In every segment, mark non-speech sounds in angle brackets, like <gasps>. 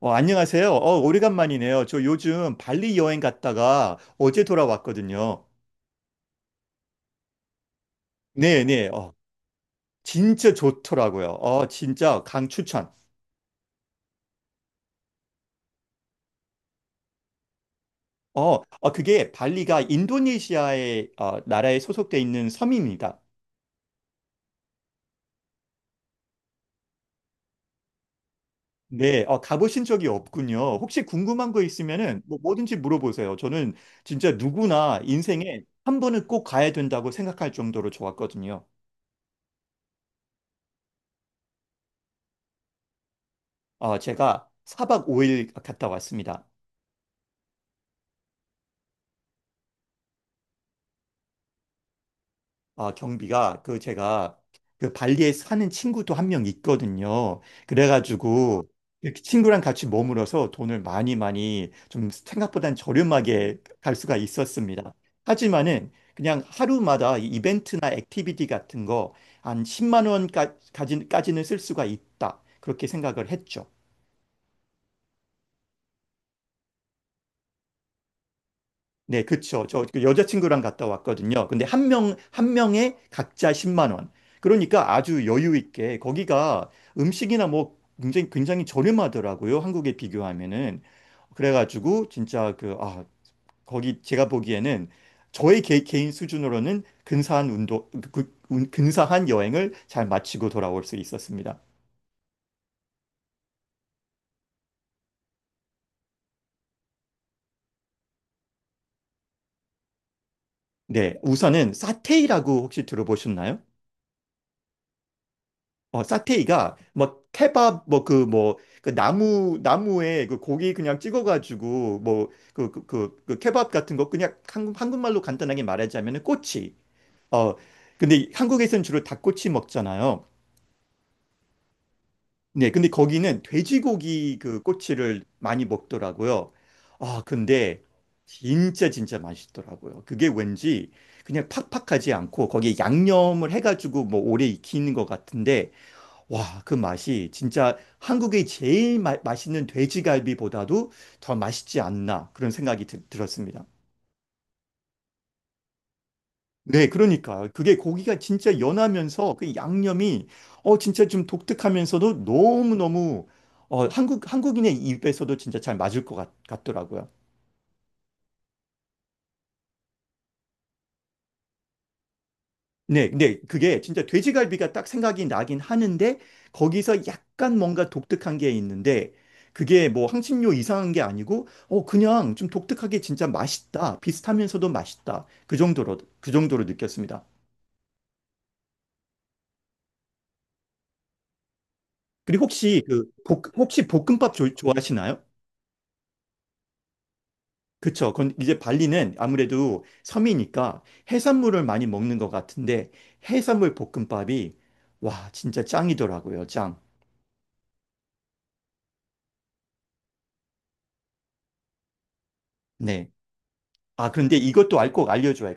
안녕하세요. 오래간만이네요. 저 요즘 발리 여행 갔다가 어제 돌아왔거든요. 네네. 진짜 좋더라고요. 진짜 강추천. 어, 그게 발리가 인도네시아의 나라에 소속돼 있는 섬입니다. 네, 가보신 적이 없군요. 혹시 궁금한 거 있으면은 뭐든지 물어보세요. 저는 진짜 누구나 인생에 한 번은 꼭 가야 된다고 생각할 정도로 좋았거든요. 제가 사박 5일 갔다 왔습니다. 아, 경비가 제가 그 발리에 사는 친구도 한 명 있거든요. 그래가지고 그 친구랑 같이 머물어서 돈을 많이 좀 생각보단 저렴하게 갈 수가 있었습니다. 하지만은 그냥 하루마다 이 이벤트나 액티비티 같은 거 한 10만 원까지는 쓸 수가 있다, 그렇게 생각을 했죠. 네, 그쵸. 저그 여자친구랑 갔다 왔거든요. 근데 한 명, 한 명에 각자 10만 원. 그러니까 아주 여유 있게 거기가 음식이나 뭐 굉장히 저렴하더라고요, 한국에 비교하면은. 그래가지고 진짜 거기 제가 보기에는 저의 개인 수준으로는 근사한 운동, 그- 운- 근사한 여행을 잘 마치고 돌아올 수 있었습니다. 네, 우선은 사테이라고 혹시 들어보셨나요? 사테이가 뭐 케밥 나무에 고기 그냥 찍어가지고 케밥 같은 거. 그냥 한국말로 간단하게 말하자면은 꼬치. 어 근데 한국에서는 주로 닭꼬치 먹잖아요. 네, 근데 거기는 돼지고기 그 꼬치를 많이 먹더라고요. 아 근데 진짜 맛있더라고요. 그게 왠지 그냥 팍팍하지 않고 거기에 양념을 해가지고 뭐 오래 익히는 것 같은데, 와, 그 맛이 진짜 한국의 맛있는 돼지갈비보다도 더 맛있지 않나 그런 들었습니다. 네, 그러니까 그게 고기가 진짜 연하면서 그 양념이 어 진짜 좀 독특하면서도 너무너무 어 한국인의 입에서도 진짜 잘 맞을 더라고요. 네, 네, 그게 진짜 돼지갈비가 딱 생각이 나긴 하는데 거기서 약간 뭔가 독특한 게 있는데, 그게 뭐 향신료 이상한 게 아니고 어 그냥 좀 독특하게 진짜 맛있다, 비슷하면서도 맛있다, 그 정도로 느꼈습니다. 그리고 혹시 볶음밥 좋아하시나요? 그쵸. 건 이제 발리는 아무래도 섬이니까 해산물을 많이 먹는 것 같은데, 해산물 볶음밥이 와 진짜 짱이더라고요. 짱. 네. 아 그런데 이것도 알 꼭 알려줘야.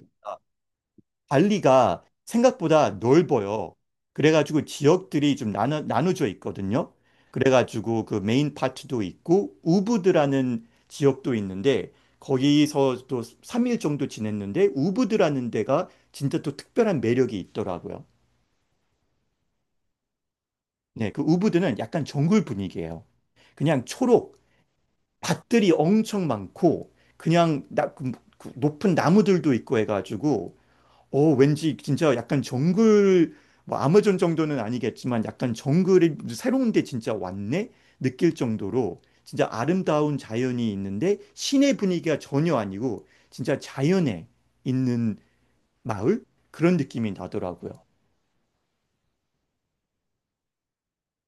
발리가 생각보다 넓어요. 그래가지고 지역들이 좀 나눠져 있거든요. 그래가지고 그 메인 파트도 있고 우부드라는 지역도 있는데, 거기서 또 3일 정도 지냈는데 우부드라는 데가 진짜 또 특별한 매력이 있더라고요. 네, 그 우부드는 약간 정글 분위기예요. 그냥 초록, 밭들이 엄청 많고 그 높은 나무들도 있고 해가지고, 오, 왠지 진짜 약간 정글, 뭐 아마존 정도는 아니겠지만 약간 정글이 새로운 데 진짜 왔네? 느낄 정도로 진짜 아름다운 자연이 있는데 시내 분위기가 전혀 아니고 진짜 자연에 있는 마을? 그런 느낌이 나더라고요.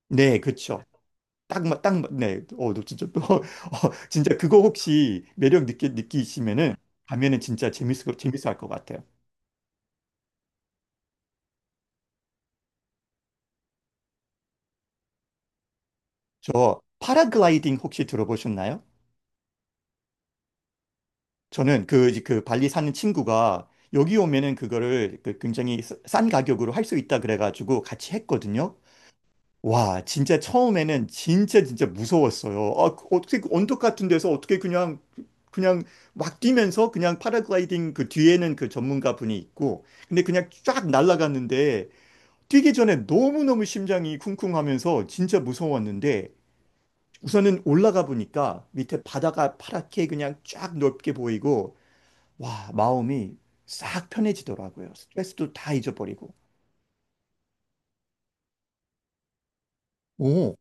네, 그쵸. 네. <laughs> 진짜 그거 혹시 느끼시면은 가면은 진짜 재밌어 할 것 같아요. 저 파라글라이딩 혹시 들어보셨나요? 저는 그 발리 사는 친구가 여기 오면은 그거를 그 굉장히 싼 가격으로 할 수 있다 그래가지고 같이 했거든요. 와, 진짜 처음에는 진짜 무서웠어요. 아, 그 어떻게 그 언덕 같은 데서 어떻게 그냥 그냥 막 뛰면서 그냥 파라글라이딩, 그 뒤에는 그 전문가 분이 있고, 근데 그냥 쫙 날아갔는데, 뛰기 전에 너무너무 심장이 쿵쿵하면서 진짜 무서웠는데, 우선은 올라가 보니까 밑에 바다가 파랗게 그냥 쫙 넓게 보이고 와, 마음이 싹 편해지더라고요. 스트레스도 다 잊어버리고. 오,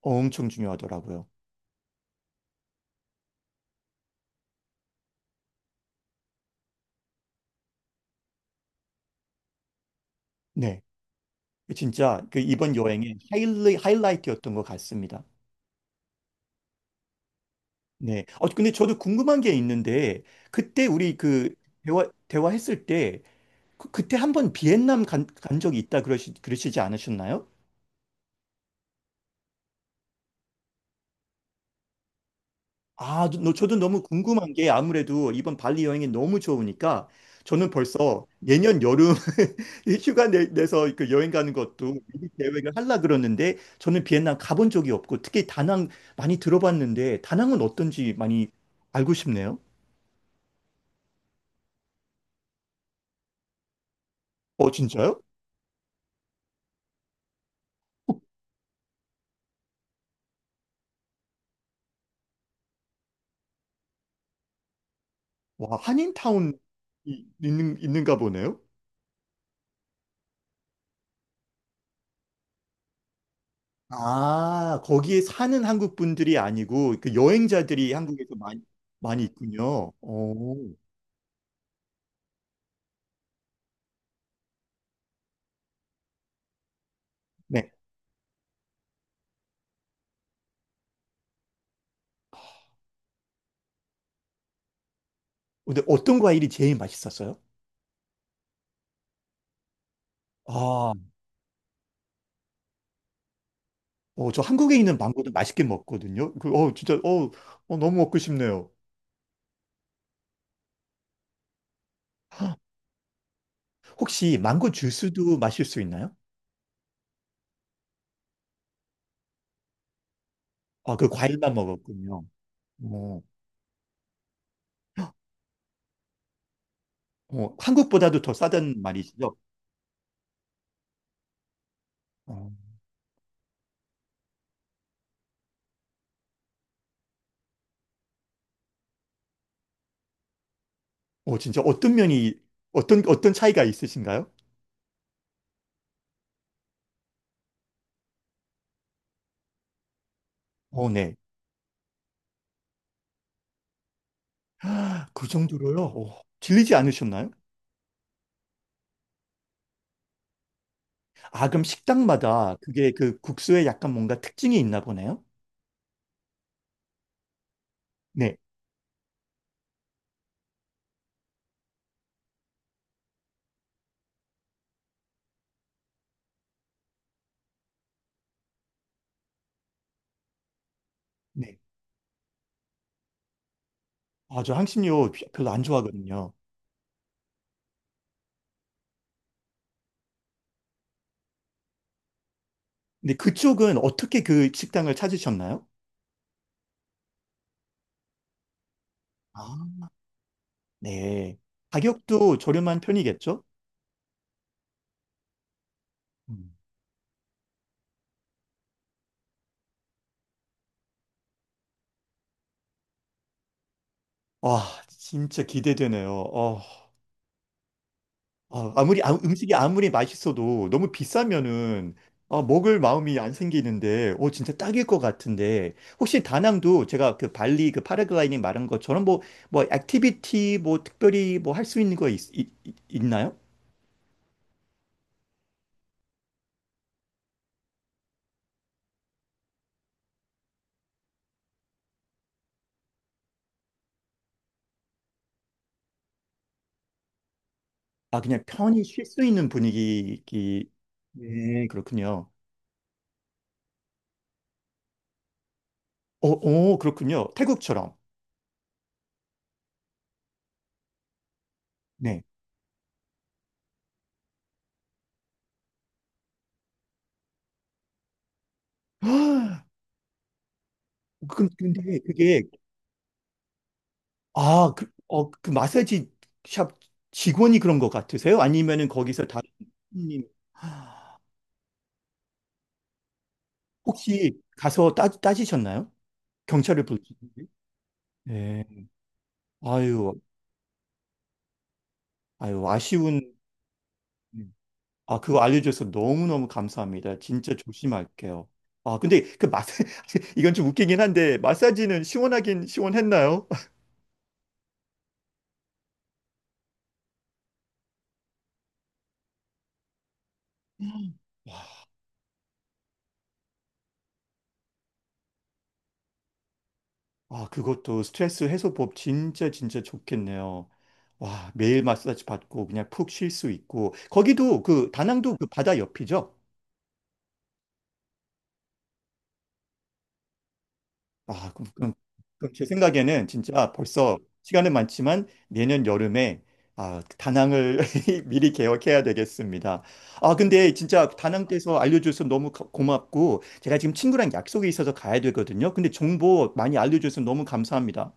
엄청 중요하더라고요. 네. 진짜 그 이번 여행의 하이라이트였던 것 같습니다. 네. 근데 저도 궁금한 게 있는데, 그때 우리 그 대화했을 때 그때 한번 비엔남 간 적이 있다 그러시지 않으셨나요? 저도 너무 궁금한 게, 아무래도 이번 발리 여행이 너무 좋으니까 저는 벌써 내년 여름 <laughs> 이 내서 그 여행 가는 것도 미리 계획을 하려 그러는데, 저는 비엔나 가본 적이 없고 특히 다낭 많이 들어봤는데 다낭은 어떤지 많이 알고 싶네요. 어, 진짜요? 와, 한인타운이 있는가 보네요. 아, 거기에 사는 한국 분들이 아니고 그 여행자들이 한국에서 많이, 많이 있군요. 오. 네. 근데 어떤 과일이 제일 맛있었어요? 아, 어, 저 한국에 있는 망고도 맛있게 먹거든요. 너무 먹고 싶네요. 혹시 망고 주스도 마실 수 있나요? 아, 그 과일만 먹었군요. 어, 어, 한국보다도 더 싸다는 말이시죠? 어, 진짜 어떤 차이가 있으신가요? 어, 네. <gasps> 그 정도로요? 어, 질리지 않으셨나요? 아, 그럼 식당마다 그게 그 국수에 약간 뭔가 특징이 있나 보네요? 네, 네. 아, 저 향신료 별로 안 좋아하거든요. 근데 그쪽은 어떻게 그 식당을 찾으셨나요? 아, 네. 가격도 저렴한 편이겠죠? 음. 와, 진짜 기대되네요. 음식이 아무리 맛있어도 너무 비싸면은 아, 먹을 마음이 안 생기는데, 어, 진짜 딱일 것 같은데, 혹시 다낭도 제가 그 발리 그 파라글라이딩 말한 것처럼 액티비티 뭐 특별히 뭐 할 수 있는 거 있, 있, 있- 있나요? 아, 그냥 편히 쉴 수 있는 분위기, 네, 그렇군요. 어, 어, 그렇군요. 태국처럼. 네. <gasps> 근데 그게, 그 마사지 샵 직원이 그런 것 같으세요? 아니면은 거기서 다른 손님, 혹시 가서 따지셨나요? 경찰을 불렀는데? 네. 아유, 아유, 아쉬운, 음. 아, 그거 알려줘서 너무너무 감사합니다. 진짜 조심할게요. 아, 근데 그 마사, <laughs> 이건 좀 웃기긴 한데, 마사지는 시원하긴 시원했나요? <laughs> 아, 그것도 스트레스 해소법 진짜 좋겠네요. 와, 매일 마사지 받고 그냥 푹 쉴 수 있고. 거기도 그 다낭도 그 바다 옆이죠? 아, 그럼, 그럼, 그럼 제 생각에는 진짜 벌써 시간은 많지만 내년 여름에 아, 다낭을 <laughs> 미리 계획해야 되겠습니다. 아, 근데 진짜 다낭 돼서 알려줘서 너무 고맙고, 제가 지금 친구랑 약속이 있어서 가야 되거든요. 근데 정보 많이 알려줘서 너무 감사합니다.